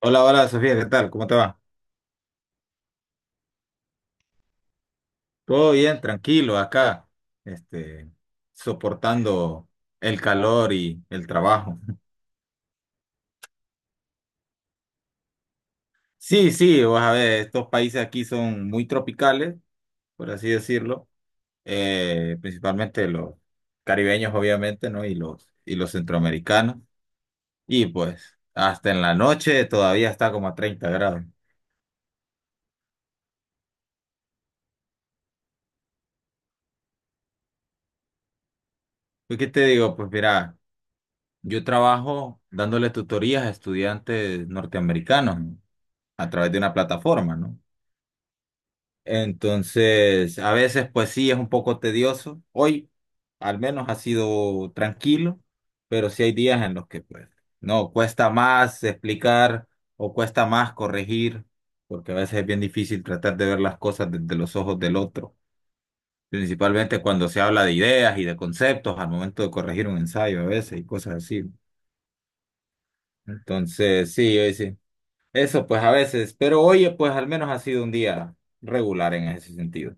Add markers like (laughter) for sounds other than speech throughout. Hola, hola Sofía, ¿qué tal? ¿Cómo te va? Todo bien, tranquilo, acá, este, soportando el calor y el trabajo. (laughs) Sí, sí, vas a ver, estos países aquí son muy tropicales, por así decirlo, principalmente los caribeños, obviamente, ¿no? Y los centroamericanos. Y pues, hasta en la noche todavía está como a 30 grados. ¿Y qué te digo? Pues mira, yo trabajo dándole tutorías a estudiantes norteamericanos, ¿no? A través de una plataforma, ¿no? Entonces, a veces, pues sí, es un poco tedioso. Hoy, al menos, ha sido tranquilo, pero sí hay días en los que, pues, no, cuesta más explicar o cuesta más corregir, porque a veces es bien difícil tratar de ver las cosas desde los ojos del otro, principalmente cuando se habla de ideas y de conceptos al momento de corregir un ensayo a veces y cosas así. Entonces, sí, hoy sí. Eso pues a veces, pero oye, pues al menos ha sido un día regular en ese sentido.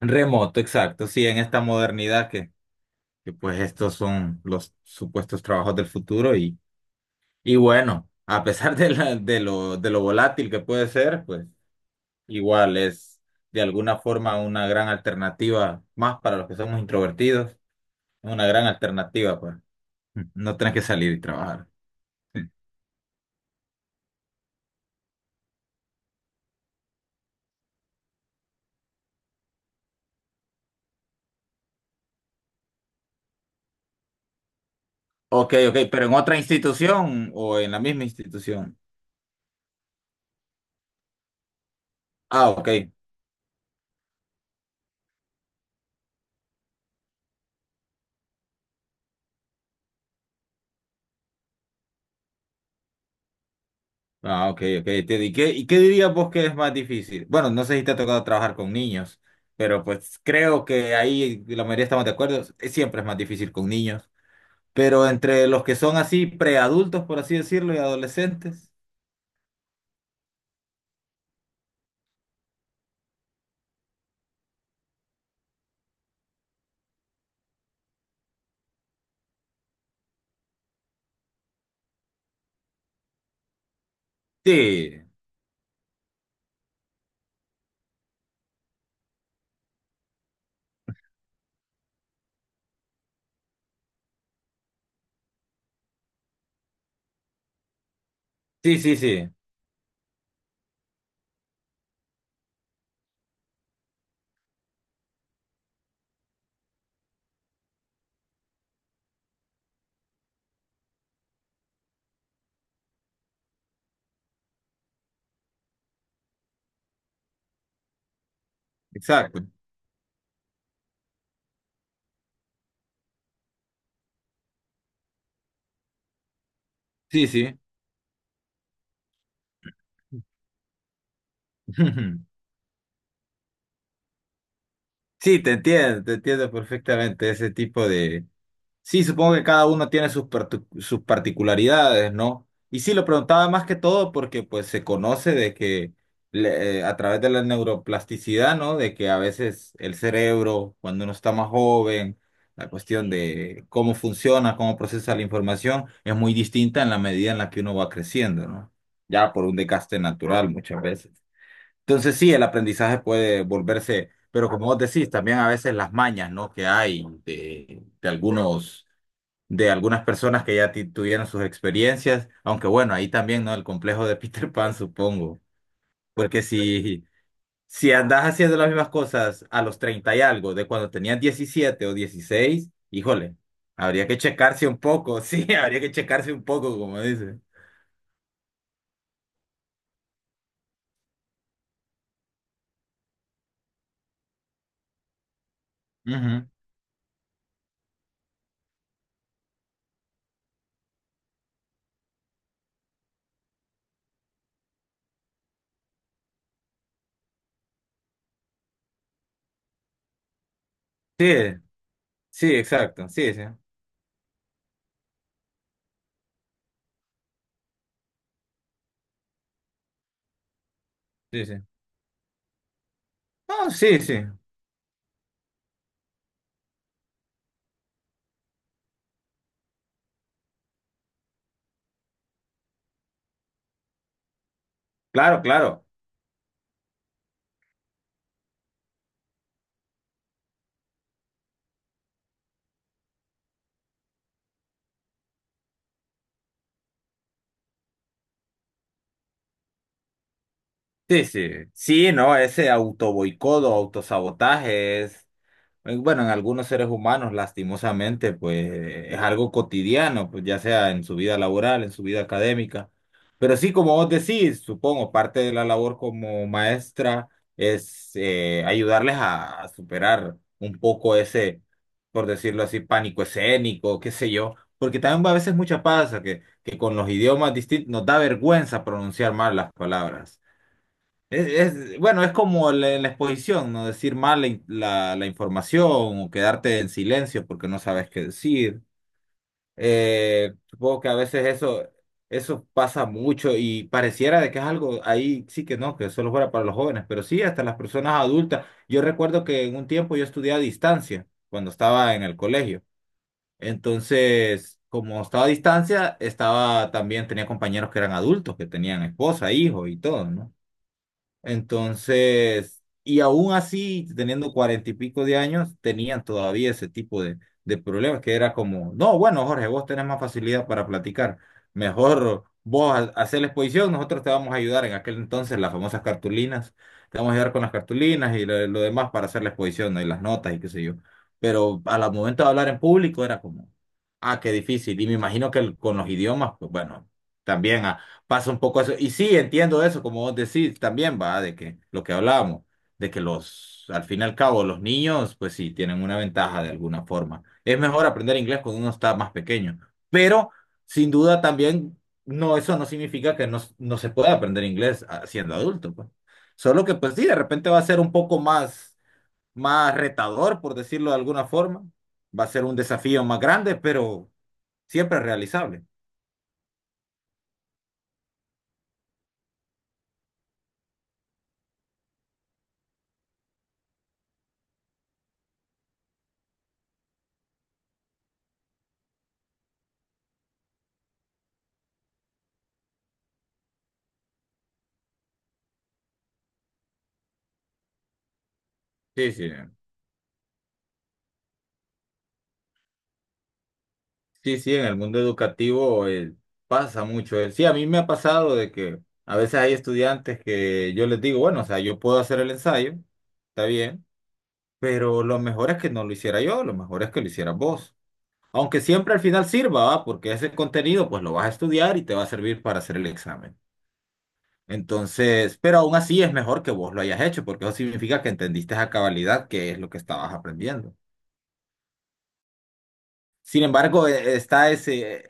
Remoto, exacto, sí, en esta modernidad que pues estos son los supuestos trabajos del futuro y, bueno, a pesar de lo volátil que puede ser, pues igual es de alguna forma una gran alternativa, más para los que somos introvertidos, una gran alternativa, pues no tenés que salir y trabajar. Ok, ok, pero en otra institución o en la misma institución. Ah, ok. Ah, ok, ok, entiendo. ¿Y qué dirías vos que es más difícil? Bueno, no sé si te ha tocado trabajar con niños, pero pues creo que ahí la mayoría estamos de acuerdo, siempre es más difícil con niños, pero entre los que son así preadultos, por así decirlo, y adolescentes. Sí, sí, sí, sí, exacto. Sí, sí. (laughs) Sí, te entiendo perfectamente ese tipo de. Sí, supongo que cada uno tiene sus particularidades, ¿no? Y sí, lo preguntaba más que todo porque pues se conoce de que a través de la neuroplasticidad, ¿no? De que a veces el cerebro, cuando uno está más joven, la cuestión de cómo funciona, cómo procesa la información, es muy distinta en la medida en la que uno va creciendo, ¿no? Ya por un desgaste natural muchas veces. Entonces sí, el aprendizaje puede volverse, pero como vos decís, también a veces las mañas, ¿no? Que hay de algunas personas que ya tuvieron sus experiencias, aunque bueno, ahí también, ¿no? El complejo de (laughs) Peter Pan, supongo, porque si andas haciendo las mismas cosas a los 30 y algo, de cuando tenías 17 o 16, híjole, habría que checarse un poco, (laughs) sí, habría que checarse un poco, como dice. Ujú. Sí, sí, exacto, sí, sí, sí, sí. No, sí, sí, claro, claro. Sí, sí, sí, no, ese autoboicodo, autosabotaje es. Bueno, en algunos seres humanos, lastimosamente, pues es algo cotidiano, pues ya sea en su vida laboral, en su vida académica. Pero sí, como vos decís, supongo, parte de la labor como maestra es ayudarles a superar un poco ese, por decirlo así, pánico escénico, qué sé yo. Porque también a veces mucha pasa que con los idiomas distintos nos da vergüenza pronunciar mal las palabras. Bueno, es como la, en la exposición, no decir mal la información o quedarte en silencio porque no sabes qué decir. Supongo que a veces eso pasa mucho y pareciera de que es algo ahí sí que no, que solo fuera para los jóvenes, pero sí hasta las personas adultas. Yo recuerdo que en un tiempo yo estudié a distancia cuando estaba en el colegio. Entonces, como estaba a distancia, estaba también tenía compañeros que eran adultos, que tenían esposa, hijo y todo, ¿no? Entonces, y aún así, teniendo cuarenta y pico de años, tenían todavía ese tipo de problemas, que era como, no, bueno, Jorge, vos tenés más facilidad para platicar, mejor vos hacer la exposición, nosotros te vamos a ayudar en aquel entonces, las famosas cartulinas, te vamos a ayudar con las cartulinas y lo demás para hacer la exposición, ¿no? Y las notas y qué sé yo. Pero al momento de hablar en público era como, ah, qué difícil, y me imagino que con los idiomas, pues bueno. También pasa un poco eso. Y sí, entiendo eso, como vos decís también, va, de que lo que hablábamos, de que al fin y al cabo, los niños, pues sí, tienen una ventaja de alguna forma. Es mejor aprender inglés cuando uno está más pequeño, pero sin duda también, no, eso no significa que no se pueda aprender inglés, siendo adulto, pues. Solo que, pues sí, de repente va a ser un poco más, más retador, por decirlo de alguna forma. Va a ser un desafío más grande, pero siempre realizable. Sí, sí. Sí, sí, en el mundo educativo pasa mucho. Sí, a mí me ha pasado de que a veces hay estudiantes que yo les digo, bueno, o sea, yo puedo hacer el ensayo, está bien, pero lo mejor es que no lo hiciera yo, lo mejor es que lo hicieras vos. Aunque siempre al final sirva, ¿va? Porque ese contenido pues lo vas a estudiar y te va a servir para hacer el examen. Entonces, pero aún así es mejor que vos lo hayas hecho, porque eso significa que entendiste a cabalidad qué es lo que estabas aprendiendo. Sin embargo, está ese.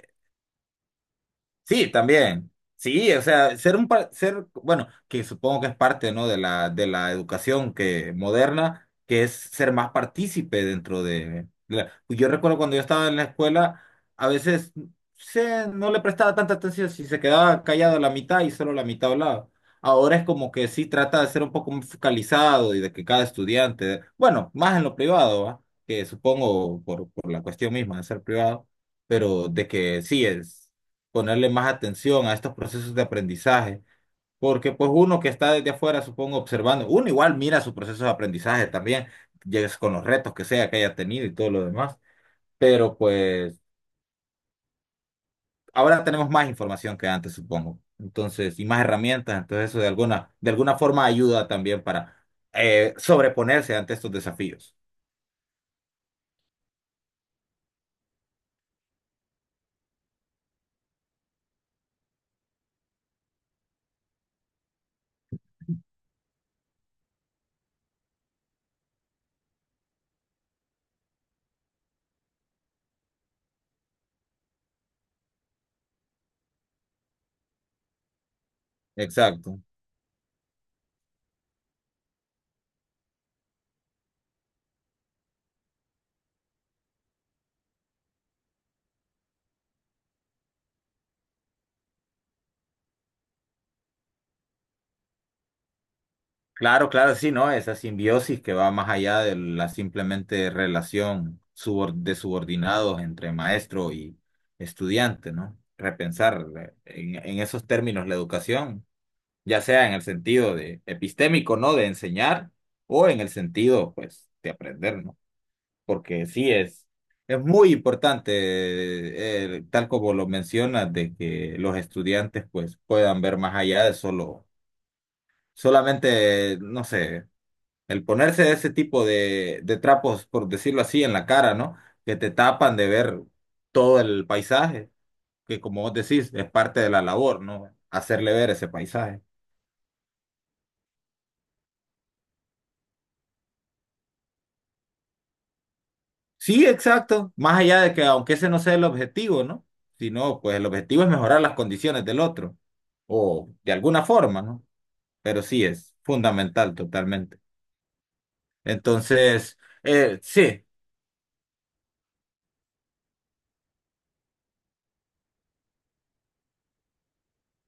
Sí, también. Sí, o sea, ser, bueno, que supongo que es parte, ¿no? De la educación que moderna, que es ser más partícipe dentro de pues. Yo recuerdo cuando yo estaba en la escuela, a veces no le prestaba tanta atención si se quedaba callado la mitad y solo la mitad hablaba. Ahora es como que sí trata de ser un poco más focalizado y de que cada estudiante, bueno, más en lo privado, ¿va? Que supongo por la cuestión misma de ser privado, pero de que sí es ponerle más atención a estos procesos de aprendizaje, porque pues uno que está desde afuera, supongo, observando, uno igual mira su proceso de aprendizaje también, llegues con los retos que sea que haya tenido y todo lo demás, pero pues ahora tenemos más información que antes, supongo, entonces, y más herramientas, entonces eso de alguna forma ayuda también para sobreponerse ante estos desafíos. Exacto. Claro, claro, sí, ¿no? Esa simbiosis que va más allá de la simplemente relación de subordinados entre maestro y estudiante, ¿no? Repensar en, esos términos la educación, ya sea en el sentido de epistémico, ¿no? De enseñar o en el sentido, pues, de aprender, ¿no? Porque sí es muy importante, tal como lo mencionas, de que los estudiantes, pues, puedan ver más allá de solo, solamente, no sé, el ponerse ese tipo de trapos, por decirlo así, en la cara, ¿no? Que te tapan de ver todo el paisaje, que como vos decís, es parte de la labor, ¿no? Hacerle ver ese paisaje. Sí, exacto. Más allá de que aunque ese no sea el objetivo, ¿no? Sino, pues el objetivo es mejorar las condiciones del otro, o de alguna forma, ¿no? Pero sí es fundamental totalmente. Entonces, sí,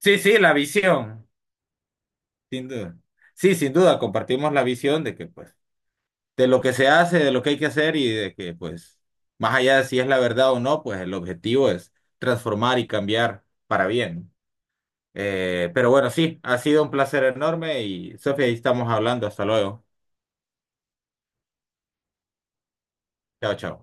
sí, sí, la visión, sin duda. Sí, sin duda, compartimos la visión de que, pues, de lo que se hace, de lo que hay que hacer y de que, pues, más allá de si es la verdad o no, pues el objetivo es transformar y cambiar para bien. Pero bueno, sí, ha sido un placer enorme y Sofía, ahí estamos hablando. Hasta luego. Chao, chao.